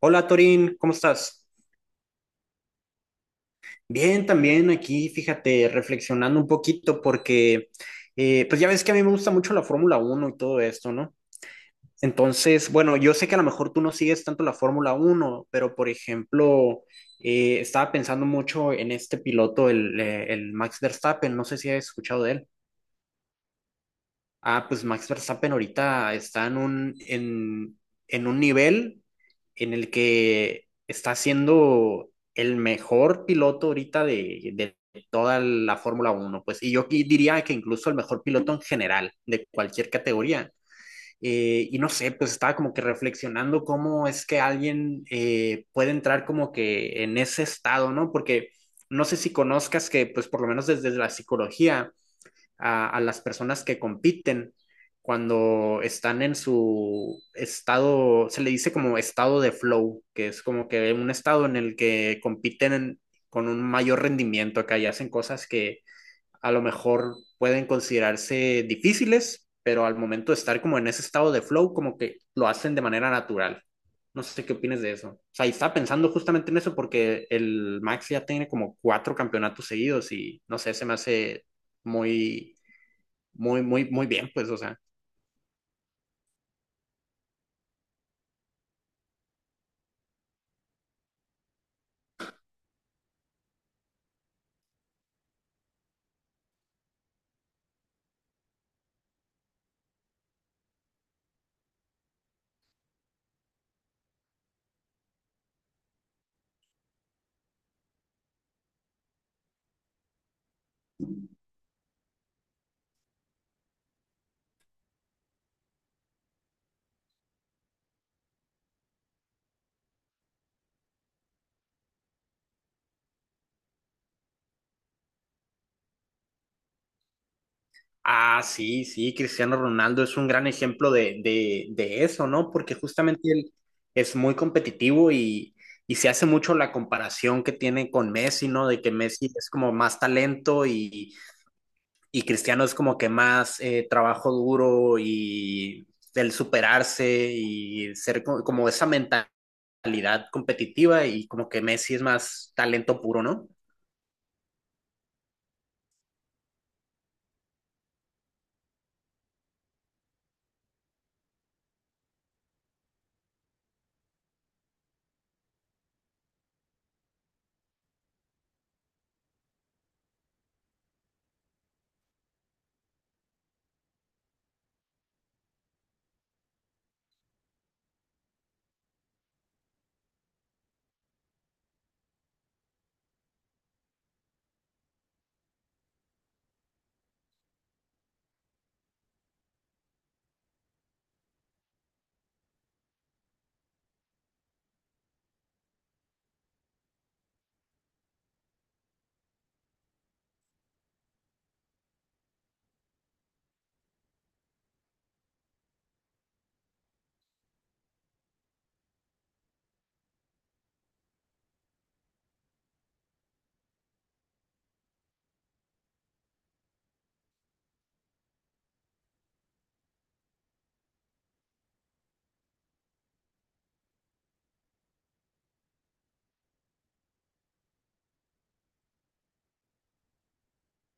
Hola Torín, ¿cómo estás? Bien, también aquí, fíjate, reflexionando un poquito porque, pues ya ves que a mí me gusta mucho la Fórmula Uno y todo esto, ¿no? Entonces, bueno, yo sé que a lo mejor tú no sigues tanto la Fórmula Uno, pero por ejemplo, estaba pensando mucho en este piloto, el Max Verstappen, no sé si has escuchado de él. Ah, pues Max Verstappen ahorita está en un nivel en el que está siendo el mejor piloto ahorita de toda la Fórmula Uno, pues, y yo diría que incluso el mejor piloto en general de cualquier categoría. Y no sé, pues estaba como que reflexionando cómo es que alguien puede entrar como que en ese estado, ¿no? Porque no sé si conozcas que, pues, por lo menos desde la psicología a las personas que compiten cuando están en su estado, se le dice como estado de flow, que es como que un estado en el que con un mayor rendimiento acá y hacen cosas que a lo mejor pueden considerarse difíciles, pero al momento de estar como en ese estado de flow, como que lo hacen de manera natural. No sé qué opinas de eso. O sea, y estaba pensando justamente en eso porque el Max ya tiene como cuatro campeonatos seguidos y no sé, se me hace muy muy, muy, muy bien, pues, o sea. Ah, sí, sí, Cristiano Ronaldo es un gran ejemplo de eso, ¿no? Porque justamente él es muy competitivo y se hace mucho la comparación que tiene con Messi, ¿no? De que Messi es como más talento y Cristiano es como que más trabajo duro y el superarse y ser como esa mentalidad competitiva y como que Messi es más talento puro, ¿no?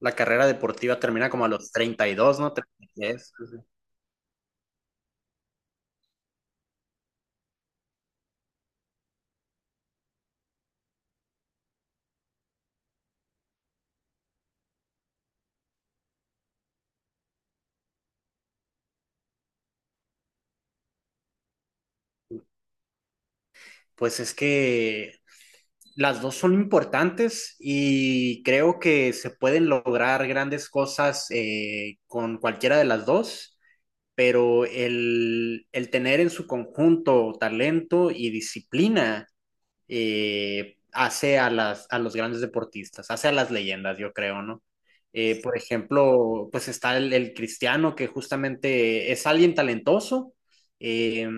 La carrera deportiva termina como a los treinta y dos, ¿no? 33. Pues es que las dos son importantes y creo que se pueden lograr grandes cosas con cualquiera de las dos, pero el tener en su conjunto talento y disciplina hace a a los grandes deportistas, hace a las leyendas, yo creo, ¿no? Por ejemplo, pues está cristiano que justamente es alguien talentoso, eh,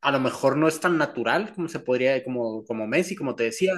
a lo mejor no es tan natural como se podría, como Messi, como te decía,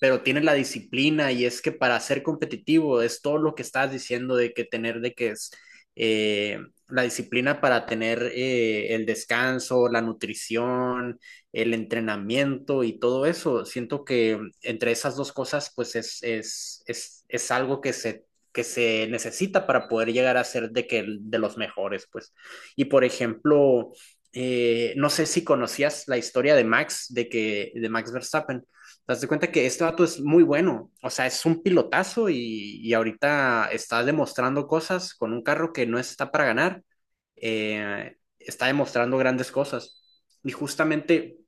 pero tiene la disciplina y es que para ser competitivo es todo lo que estás diciendo de que tener, de que es eh, la disciplina para tener el descanso, la nutrición, el entrenamiento y todo eso. Siento que entre esas dos cosas, pues es algo que se necesita para poder llegar a ser de, que, de los mejores, pues. Y por ejemplo, no sé si conocías la historia de Max, de Max Verstappen. Te das cuenta que este dato es muy bueno, o sea, es un pilotazo y ahorita está demostrando cosas con un carro que no está para ganar, está demostrando grandes cosas. Y justamente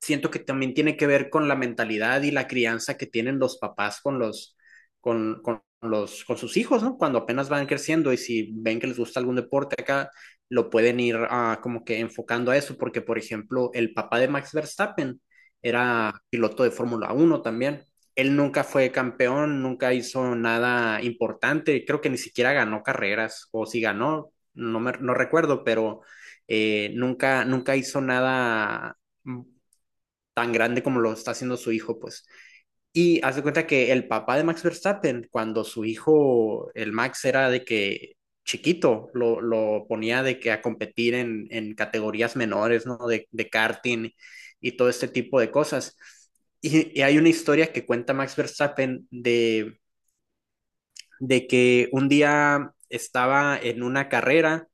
siento que también tiene que ver con la mentalidad y la crianza que tienen los papás con con sus hijos, ¿no? Cuando apenas van creciendo y si ven que les gusta algún deporte acá, lo pueden ir como que enfocando a eso, porque por ejemplo, el papá de Max Verstappen era piloto de Fórmula Uno también. Él nunca fue campeón, nunca hizo nada importante, creo que ni siquiera ganó carreras, o si ganó, no recuerdo, pero nunca hizo nada tan grande como lo está haciendo su hijo, pues. Y haz de cuenta que el papá de Max Verstappen, cuando su hijo, el Max, era de que chiquito, lo ponía de que a competir en categorías menores, ¿no? De karting y todo este tipo de cosas. Y hay una historia que cuenta Max Verstappen de que un día estaba en una carrera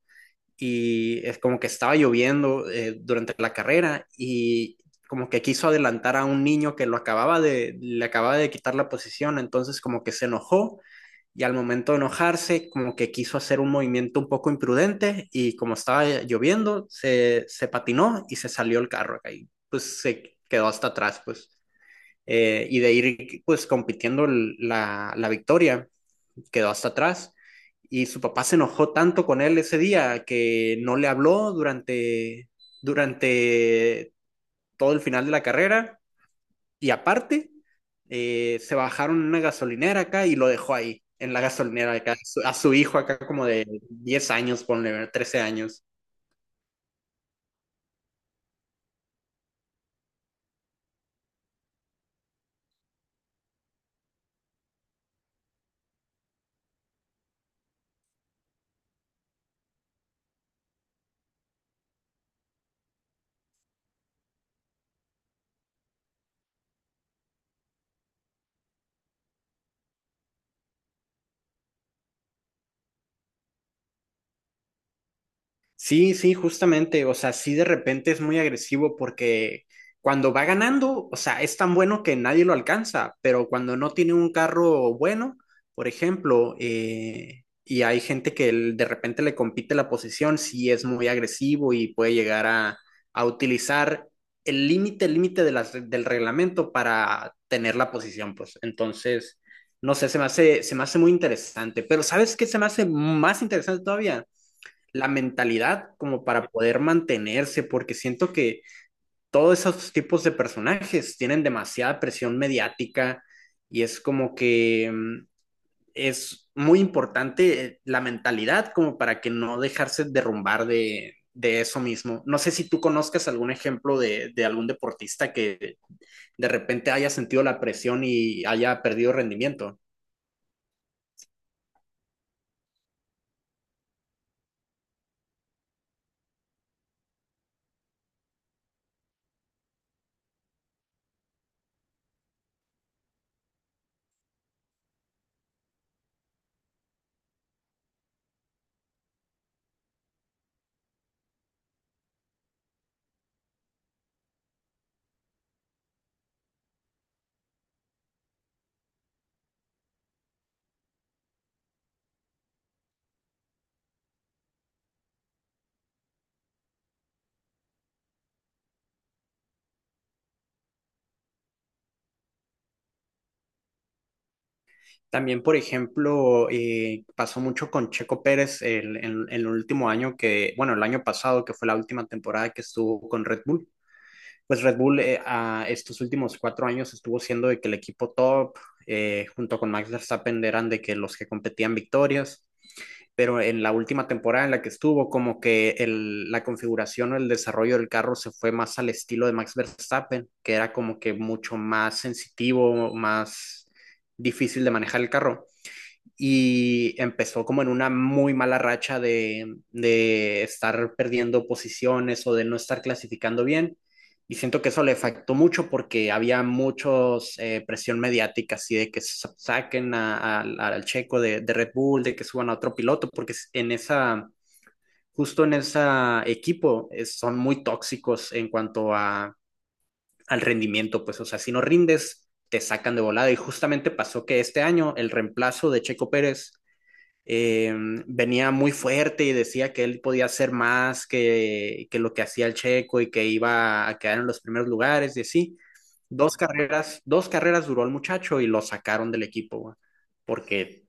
y es como que estaba lloviendo durante la carrera y como que quiso adelantar a un niño que lo le acababa de quitar la posición, entonces como que se enojó y al momento de enojarse como que quiso hacer un movimiento un poco imprudente y como estaba lloviendo se patinó y se salió el carro acá y pues se quedó hasta atrás pues y de ir pues compitiendo la victoria quedó hasta atrás y su papá se enojó tanto con él ese día que no le habló durante todo el final de la carrera y aparte se bajaron en una gasolinera acá y lo dejó ahí, en la gasolinera acá, a su hijo acá como de 10 años, ponle, 13 años. Sí, sí, justamente, o sea, sí de repente es muy agresivo porque cuando va ganando, o sea, es tan bueno que nadie lo alcanza, pero cuando no tiene un carro bueno, por ejemplo, y hay gente que de repente le compite la posición, sí es muy agresivo y puede llegar a utilizar el límite, del reglamento para tener la posición, pues entonces, no sé, se me hace muy interesante, pero ¿sabes qué se me hace más interesante todavía? La mentalidad como para poder mantenerse, porque siento que todos esos tipos de personajes tienen demasiada presión mediática y es como que es muy importante la mentalidad como para que no dejarse derrumbar de eso mismo. No sé si tú conozcas algún ejemplo de algún deportista que de repente haya sentido la presión y haya perdido rendimiento. También, por ejemplo, pasó mucho con Checo Pérez en el último año que, bueno, el año pasado, que fue la última temporada que estuvo con Red Bull. Pues Red Bull a estos últimos cuatro años estuvo siendo de que el equipo top, junto con Max Verstappen, eran de que los que competían victorias, pero en la última temporada en la que estuvo, como que el, la configuración o el desarrollo del carro se fue más al estilo de Max Verstappen, que era como que mucho más sensitivo, más difícil de manejar el carro y empezó como en una muy mala racha de estar perdiendo posiciones o de no estar clasificando bien. Y siento que eso le afectó mucho porque había muchos presión mediática, así de que saquen al checo de Red Bull, de que suban a otro piloto, porque en justo en ese equipo son muy tóxicos en cuanto a, al rendimiento, pues, o sea, si no rindes, te sacan de volada. Y justamente pasó que este año el reemplazo de Checo Pérez eh, venía muy fuerte y decía que él podía hacer más que lo que hacía el Checo y que iba a quedar en los primeros lugares y así. Dos carreras duró el muchacho y lo sacaron del equipo, güey, porque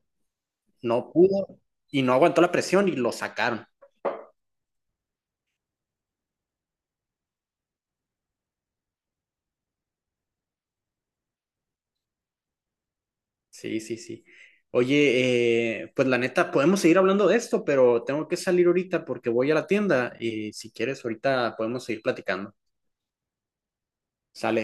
no pudo y no aguantó la presión y lo sacaron. Sí, sí, sí. Oye, pues la neta, podemos seguir hablando de esto, pero tengo que salir ahorita porque voy a la tienda y si quieres, ahorita podemos seguir platicando. Sale.